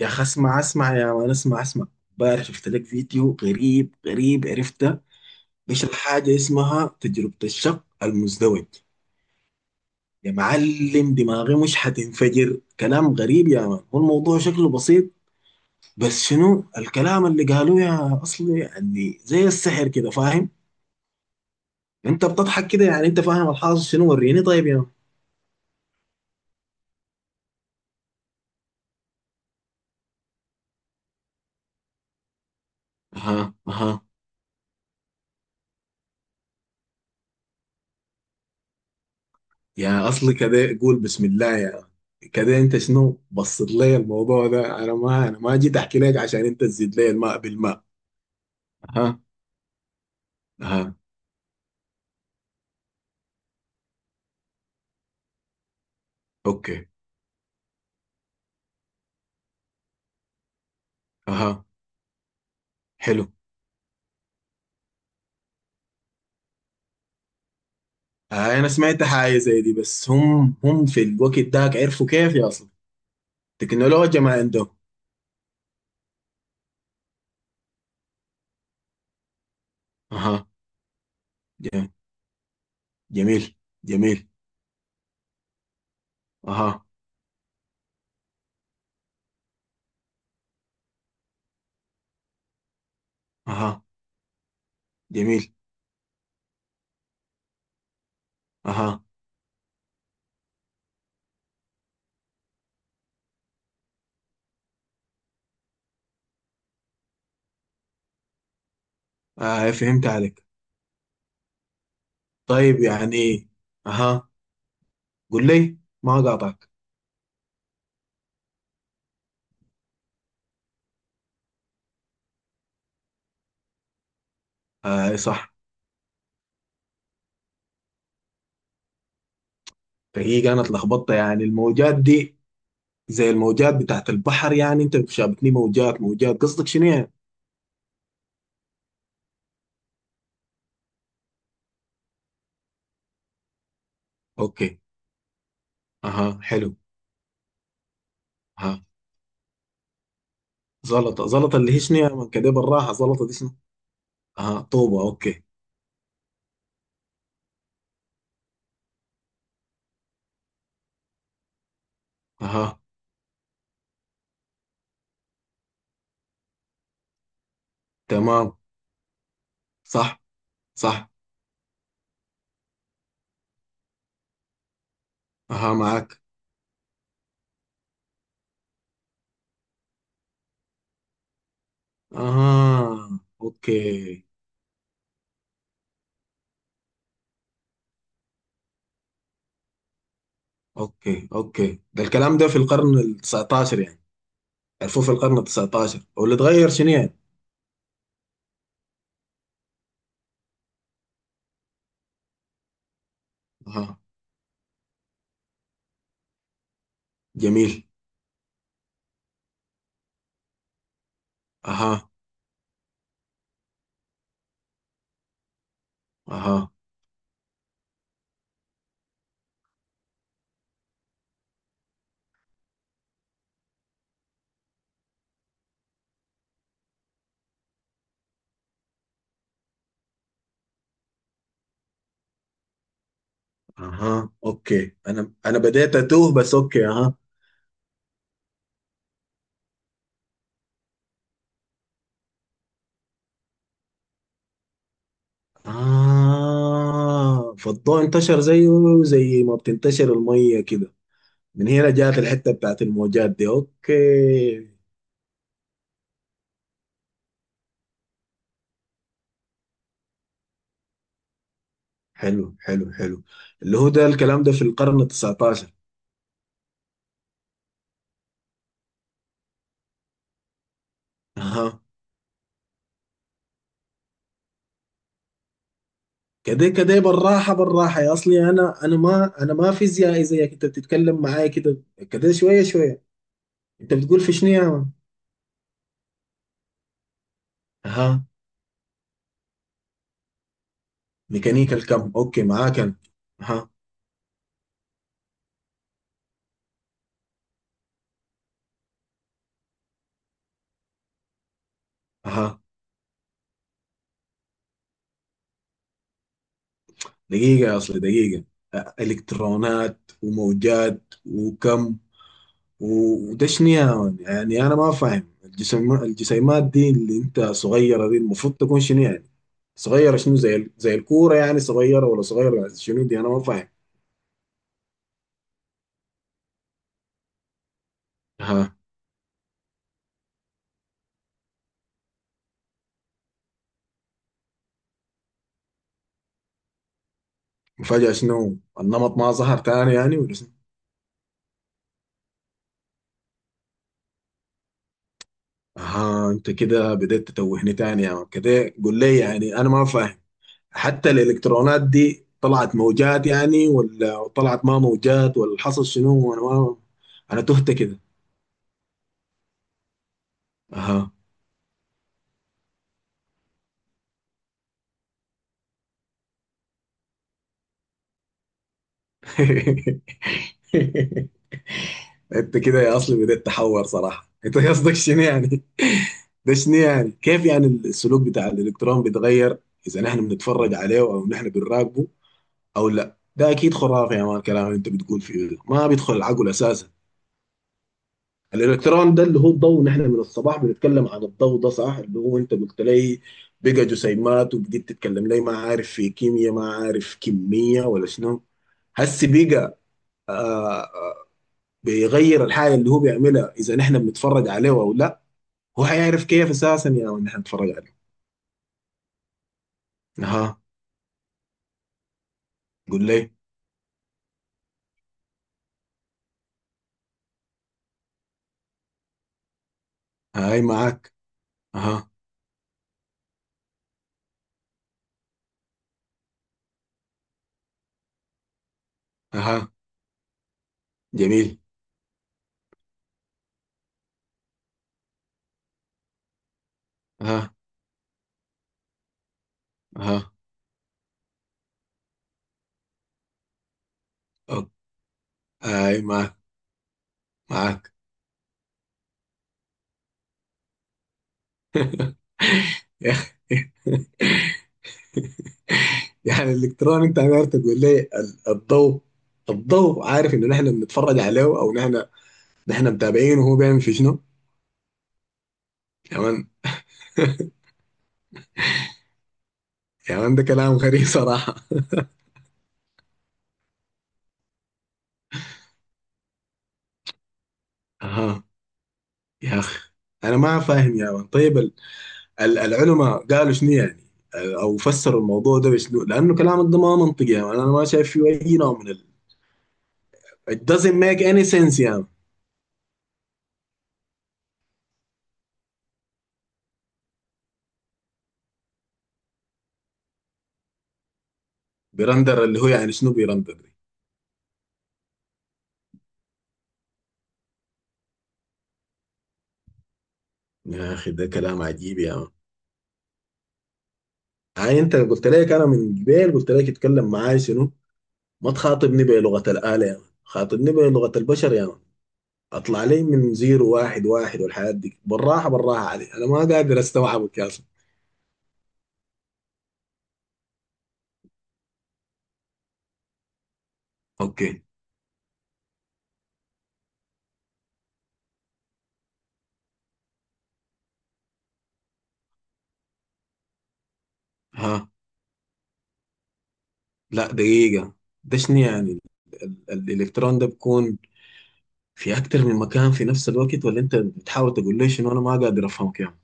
يا أخي اسمع اسمع يا مان اسمع اسمع. امبارح شفت لك فيديو غريب غريب عرفته. بيشرح حاجة اسمها تجربة الشق المزدوج. يا معلم دماغي مش حتنفجر، كلام غريب يا مان، هو الموضوع شكله بسيط. بس شنو الكلام اللي قالوه يا أصلي؟ يعني زي السحر كده، فاهم؟ أنت بتضحك كده، يعني أنت فاهم الحاصل شنو؟ وريني طيب يا مان. اها اها. يا اصلي كده قول بسم الله يا. كده انت شنو بصت لي الموضوع ده؟ انا ما جيت احكي لك عشان انت تزيد لي الماء بالماء. ها. ها. اوكي. اها. حلو. آه انا سمعت حاجه زي دي، بس هم في الوقت داك عرفوا كيف يا اصلي؟ تكنولوجيا ما عندهم. اها. ج- جميل. جميل. اها. اها. جميل. اها. آه فهمت عليك. طيب يعني. اها. قول لي. ما قاطعك. آه صح. فهي كانت لخبطة يعني الموجات دي، زي الموجات بتاعت البحر يعني، انت شابتني موجات موجات، قصدك شنو يعني؟ اوكي. اها. حلو. اها. زلطة زلطة اللي هي شنو يا من؟ كده بالراحة، زلطة دي شنو؟ اها طوبة اوكي. اها. تمام. صح. صح. اها معك. اها. اوكي اوكي. اوكي ده الكلام ده في القرن ال 19 يعني؟ عرفوه في القرن ال 19، واللي اتغير شنو يعني؟ اها. جميل. اها. اها. اها. اوكي، انا انا بديت اتوه بس، اوكي. اها. اه فالضوء انتشر زيه، زي ما بتنتشر الميه كده، من هنا جات الحته بتاعت الموجات دي، اوكي. حلو حلو حلو. اللي هو ده الكلام ده في القرن ال 19. اها. كده كده بالراحه بالراحه يا اصلي، انا انا ما فيزيائي زيك، انت بتتكلم معايا كده كده شويه شويه. انت بتقول في شنو يا مان؟ اها. ميكانيكا الكم اوكي، معاك انا. اها. اها. دقيقة، أصل دقيقة. إلكترونات وموجات وكم، وده شنو يا مان؟ يعني أنا ما فاهم، الجسم الجسيمات دي اللي أنت صغيرة دي المفروض تكون شنو يعني؟ صغيرة شنو؟ زي الكورة يعني صغيرة، ولا صغيرة شنو دي؟ أنا ما فاهم. ها. وفجأة شنو؟ النمط ما ظهر تاني يعني ولا شنو؟ أها أنت كده بديت تتوهني تاني يا مان، كده قول لي يعني أنا ما فاهم. حتى الالكترونات دي طلعت موجات يعني، ولا طلعت ما موجات، ولا حصل شنو؟ انا ما، انا تهت كده. اها. انت كده يا اصلي بديت تحور صراحه، انت قصدك شنو يعني؟ ده شنو يعني؟ كيف يعني السلوك بتاع الالكترون بيتغير اذا نحن بنتفرج عليه او نحن بنراقبه او لا؟ ده اكيد خرافه يا مان، الكلام اللي انت بتقول فيه ده ما بيدخل العقل اساسا. الالكترون ده اللي هو الضوء، نحن من الصباح بنتكلم عن الضوء ده صح، اللي هو انت قلت لي بقى جسيمات، وبديت تتكلم لي ما عارف في كيمياء، ما عارف كمية، ولا شنو؟ هسي بقى. آه. بيغير الحاجة اللي هو بيعملها إذا نحن بنتفرج عليه أو لا؟ هو حيعرف كيف أساسا يا يعني نحن نتفرج عليه؟ أها. قول لي. هاي معاك. أها. أها. جميل. أها. أها. أوك. هاي معاك. معاك. يا أخي. يعني الالكترون، انت عارف تقول لي الضوء، الضوء عارف ان نحن بنتفرج عليه او نحن، نحن متابعينه وهو بيعمل في شنو؟ يا مان. يا مان ده كلام غريب صراحة. اها. يا اخ، انا ما فاهم يا مان. طيب العلماء قالوا شنو يعني؟ او فسروا الموضوع ده بشنو؟ لانه كلامك ده ما منطقي يا مان، انا ما شايف فيه اي نوع من ال. It doesn't make any sense يا مان. بيرندر اللي هو يعني شنو بيرندر دي؟ يا اخي ده كلام عجيب يا مان. هاي، انت قلت لك انا من جبال قلت لك اتكلم معاي شنو؟ ما تخاطبني بلغة الآلة يا مان، خاطبني بلغة البشر يا مان. اطلع لي من زيرو واحد واحد، والحياة دي بالراحة بالراحة علي، انا ما قادر استوعبك يا اصلا. اوكي. ها. لا دقيقة. ده شنو يعني الالكترون ده بيكون في اكتر من مكان في نفس الوقت، ولا انت بتحاول تقول لي شنو؟ انا ما قادر افهمك يا مان.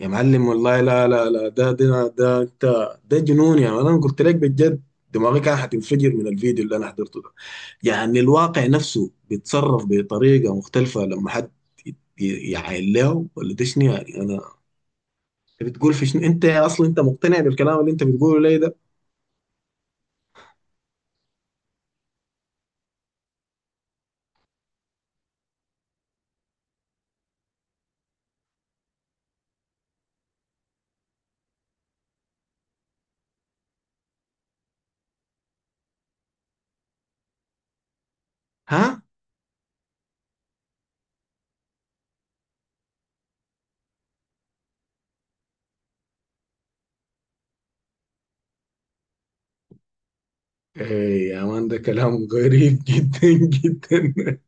يا معلم والله، لا لا لا، ده ده ده انت، ده جنون يا مان، انا قلت لك بجد، دماغي كان حتنفجر من الفيديو اللي انا حضرته ده. يعني الواقع نفسه بيتصرف بطريقة مختلفة لما حد يعاين له، ولا ده شنو يعني؟ أنا، أنت بتقول في شنو؟ أنت أصلا أنت مقتنع بالكلام اللي أنت بتقوله لي ده؟ ها؟ إيه يا مان ده كلام غريب جدا جدا.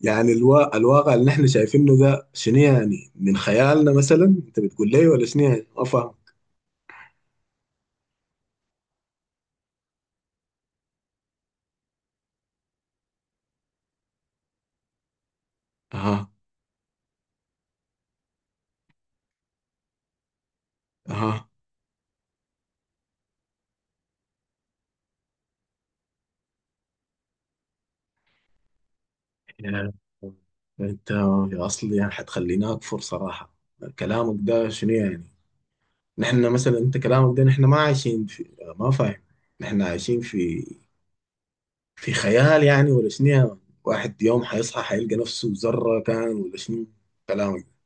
يعني الوا، الواقع اللي نحن شايفينه ده شنو يعني؟ من خيالنا مثلا أنت بتقول لي ولا شنو يعني؟ ما فاهم. أها. أها. يعني أنت يا أصلي يعني حتخليني أكفر صراحة، كلامك ده شنو يعني؟ نحن مثلا، انت كلامك ده نحن ما عايشين في، ما فاهم، نحن عايشين في في خيال يعني ولا شنو يعني؟ واحد يوم حيصحى حيلقى نفسه ذرة كان ولا شنو؟ كلامك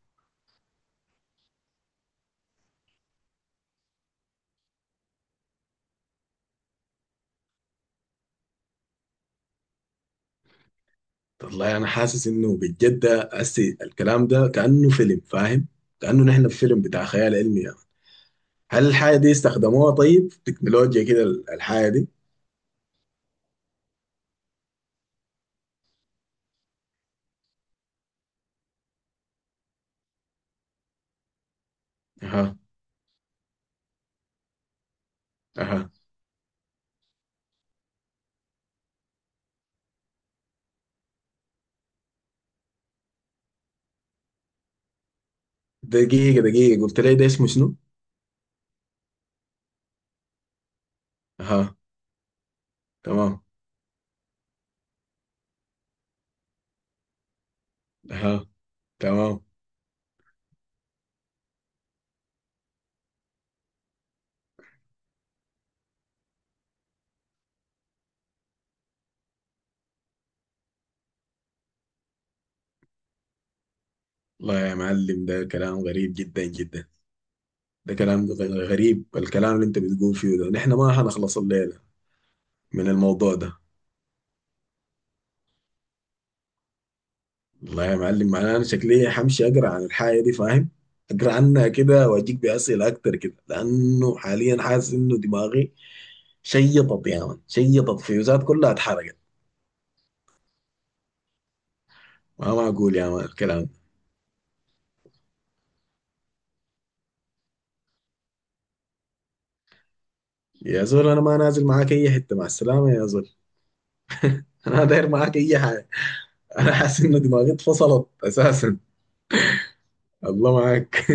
ده والله انا حاسس انه بجد، ده هسي الكلام ده كأنه فيلم، فاهم؟ كأنه نحن في فيلم بتاع خيال علمي يعني. هل الحاجة دي استخدموها طيب في تكنولوجيا كده، الحاجة دي؟ اها. اها. دقيقة دقيقة، قلت لي ده اسمه شنو؟ اها. تمام. اها. تمام. والله يا معلم ده كلام غريب جدا جدا. ده كلام غريب، الكلام اللي انت بتقول فيه ده نحن ما هنخلص الليلة من الموضوع ده. والله يا معلم معناه انا شكلي حمشي اقرا عن الحاجة دي، فاهم؟ اقرا عنها كده واجيك بأسئلة اكتر كده، لانه حاليا حاسس انه دماغي شيطت يا مان، شيطت، فيوزات كلها اتحرقت. ما معقول يا مان الكلام ده. يا زول انا ما نازل معاك اي حتة، مع السلامة يا زول. انا داير معاك اي حاجة، انا حاسس انه دماغي اتفصلت اساسا. الله معاك.